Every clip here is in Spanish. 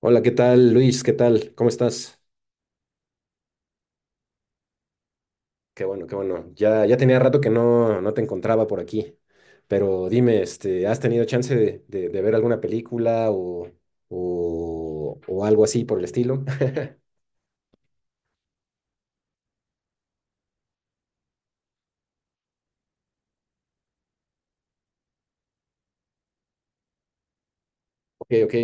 Hola, ¿qué tal, Luis? ¿Qué tal? ¿Cómo estás? Qué bueno, qué bueno. Ya tenía rato que no te encontraba por aquí. Pero dime, este, ¿has tenido chance de ver alguna película o, o algo así por el estilo? Ok, ok,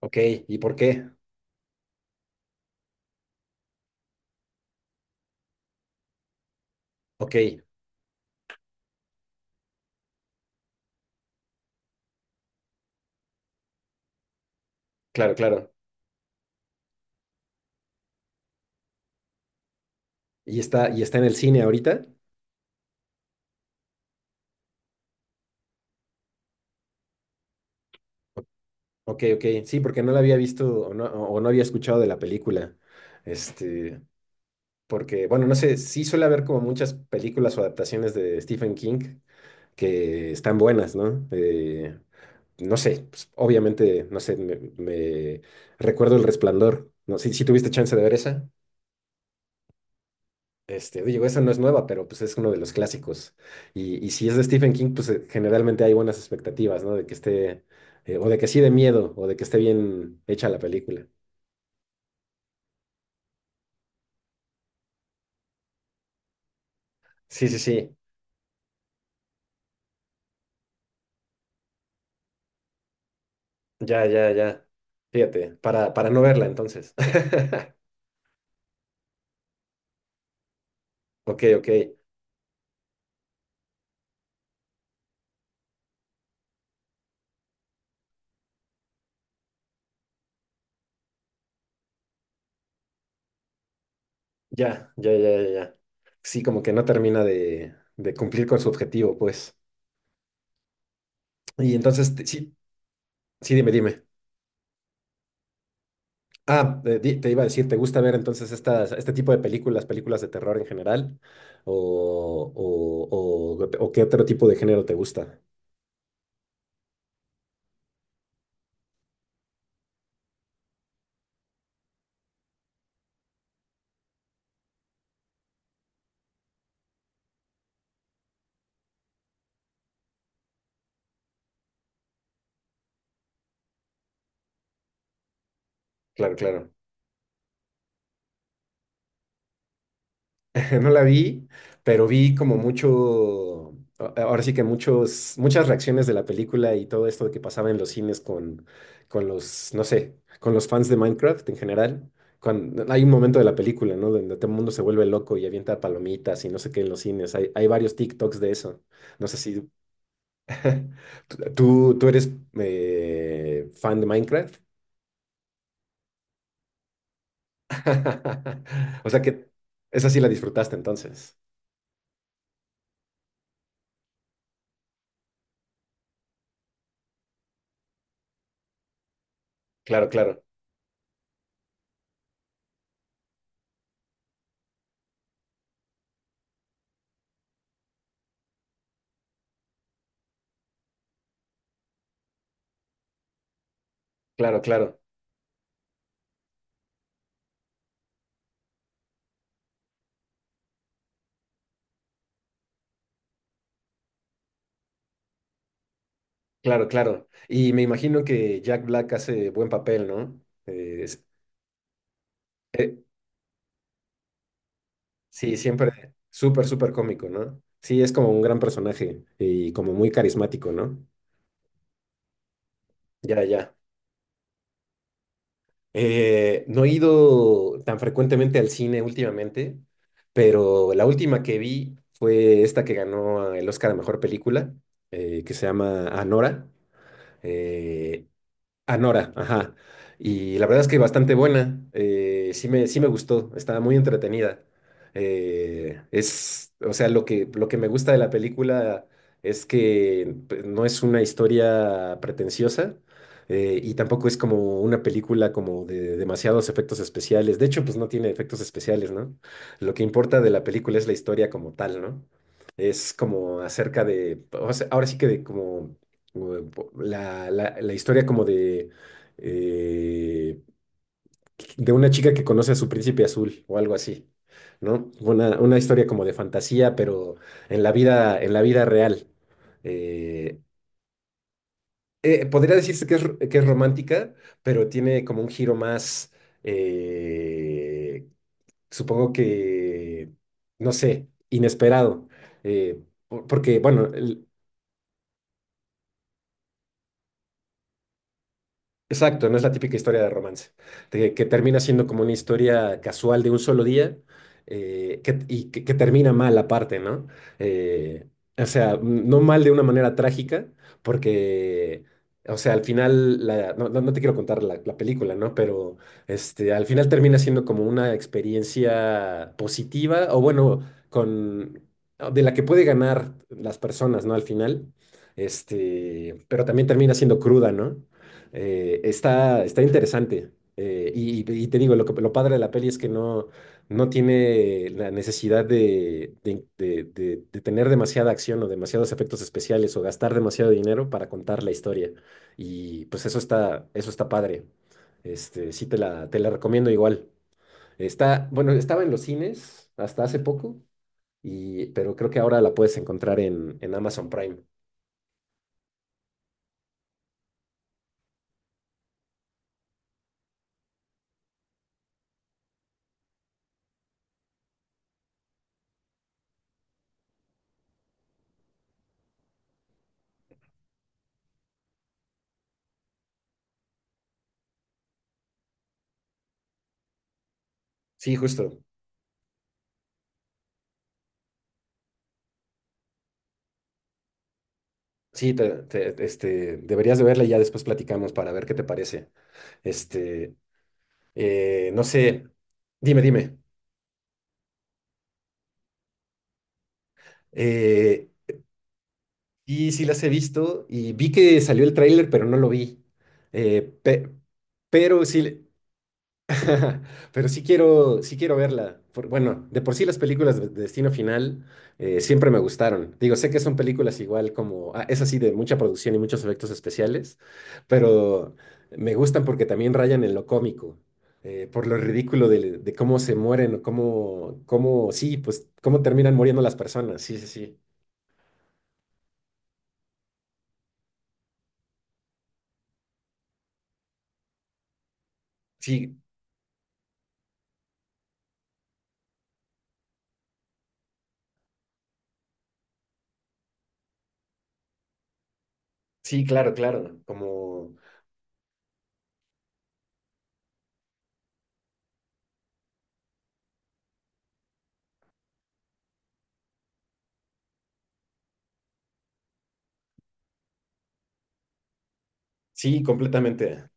ok. ¿Y por qué? Ok, claro, claro. Y está en el cine ahorita? Ok, ok. Sí, porque no la había visto o no, o no había escuchado de la película. Este, porque, bueno, no sé, sí suele haber como muchas películas o adaptaciones de Stephen King que están buenas, ¿no? No sé, pues, obviamente, no sé, recuerdo El Resplandor, no sé si tuviste chance de ver esa. Este, digo, esa no es nueva, pero pues es uno de los clásicos. Y si es de Stephen King, pues generalmente hay buenas expectativas, ¿no? De que esté, o de que sí de miedo, o de que esté bien hecha la película. Sí, sí, sí, ya, ya, ya. Fíjate, para no verla entonces. Ok, ok. Ya, ya, ya, ya, ya. Sí, como que no termina de, cumplir con su objetivo, pues. Y entonces, sí, sí, dime, dime. Iba a decir, ¿te gusta ver entonces estas, este tipo de películas, películas de terror en general? ¿O, o, o qué otro tipo de género te gusta? Claro, claro. No la vi, pero vi como mucho, ahora sí que muchos, muchas reacciones de la película y todo esto de que pasaba en los cines con los, no sé, con los fans de Minecraft en general. Cuando, hay un momento de la película, ¿no? Donde todo el mundo se vuelve loco y avienta palomitas y no sé qué en los cines. Hay varios TikToks de eso. No sé si tú, tú eres fan de Minecraft. O sea que esa sí la disfrutaste entonces. Claro, claro, claro, claro. Claro, claro. Y me imagino que Jack Black hace buen papel, ¿no? Eh, es- eh, sí, siempre súper, súper cómico, ¿no? Sí, es como un gran personaje y como muy carismático, ¿no? Ya, ya. No he ido tan frecuentemente al cine últimamente, pero la última que vi fue esta que ganó el Oscar a Mejor Película, que se llama Anora. Eh, Anora, ajá. Y la verdad es que bastante buena. Sí me, sí me gustó, estaba muy entretenida. Es, o sea, lo que me gusta de la película es que pues, no es una historia pretenciosa y tampoco es como una película como de demasiados efectos especiales. De hecho, pues no tiene efectos especiales, ¿no? Lo que importa de la película es la historia como tal, ¿no? Es como acerca de, o sea, ahora sí que de como la, la historia como eh, de una chica que conoce a su príncipe azul o algo así, ¿no? Una historia como de fantasía, pero en la vida real. Eh, Podría decirse que es, que es romántica, pero tiene como un giro más, eh, supongo que, no sé, inesperado. Eh, por- porque, bueno, exacto, no es la típica historia de romance, de que termina siendo como una historia casual de un solo día y que termina mal aparte, ¿no? Eh, o sea, no mal de una manera trágica, porque, o sea, al final, no, no te quiero contar la, la película, ¿no? Pero este, al final termina siendo como una experiencia positiva, o bueno, con, de la que puede ganar las personas, ¿no? Al final, este, pero también termina siendo cruda, ¿no? Está, está interesante. Y, y te digo, lo, lo padre de la peli es que no, no tiene la necesidad de, de tener demasiada acción o demasiados efectos especiales o gastar demasiado dinero para contar la historia. Y pues eso está padre. Este, sí te la recomiendo igual. Está, bueno, estaba en los cines hasta hace poco, y, pero creo que ahora la puedes encontrar en Amazon Prime. Sí, justo. Sí, este, deberías de verla y ya después platicamos para ver qué te parece. Este, no sé, dime, dime. Eh, y sí las he visto y vi que salió el tráiler, pero no lo vi. Eh, pe- pero sí, pero sí quiero verla. Bueno, de por sí las películas de Destino Final siempre me gustaron. Digo, sé que son películas igual como, ah, es así de mucha producción y muchos efectos especiales, pero me gustan porque también rayan en lo cómico, por lo ridículo de cómo se mueren o cómo, cómo, sí, pues cómo terminan muriendo las personas. Sí, sí, sí. Sí, sí, claro, claro. Como, sí, completamente.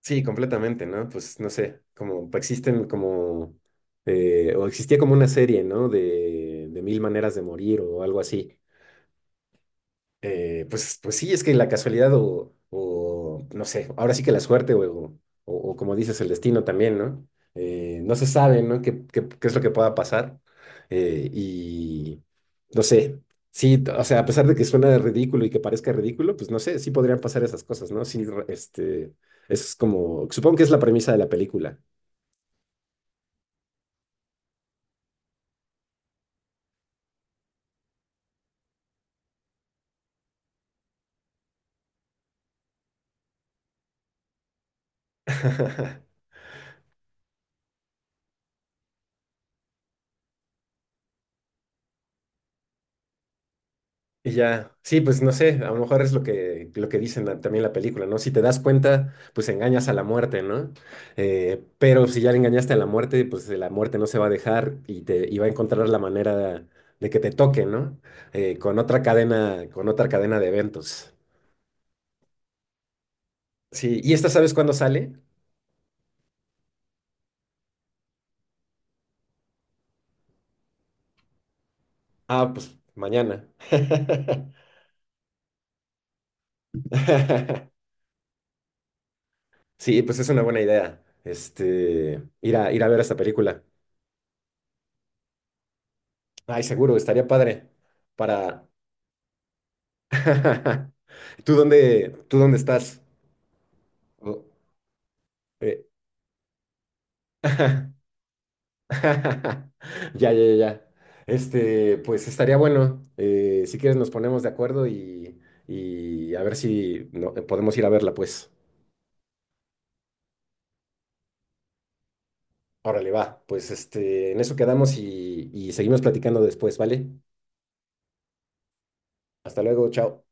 Sí, completamente, ¿no? Pues no sé, como pues, existen como, o existía como una serie, ¿no? De mil maneras de morir o algo así, pues, pues sí, es que la casualidad o, no sé, ahora sí que la suerte o como dices, el destino también, ¿no? No se sabe, ¿no? ¿Qué, qué- qué es lo que pueda pasar? Y no sé, sí, o sea, a pesar de que suena ridículo y que parezca ridículo, pues no sé, sí podrían pasar esas cosas, ¿no? Sí, este, es como, supongo que es la premisa de la película, y ya, sí, pues no sé, a lo mejor es lo que dicen también la película, ¿no? Si te das cuenta, pues engañas a la muerte, ¿no? Pero si ya le engañaste a la muerte, pues la muerte no se va a dejar y te y va a encontrar la manera de que te toque, ¿no? Con otra cadena de eventos. Sí, ¿y esta sabes cuándo sale? Ah, pues mañana. Sí, pues es una buena idea. Este, ir a, ir a ver esta película. Ay, seguro, estaría padre. Para. Tú dónde estás? O- eh, Ya, ya, ya. ya. Este, pues estaría bueno. Si quieres, nos ponemos de acuerdo y a ver si podemos ir a verla, pues. Órale, va. Pues este, en eso quedamos y seguimos platicando después, ¿vale? Hasta luego, chao.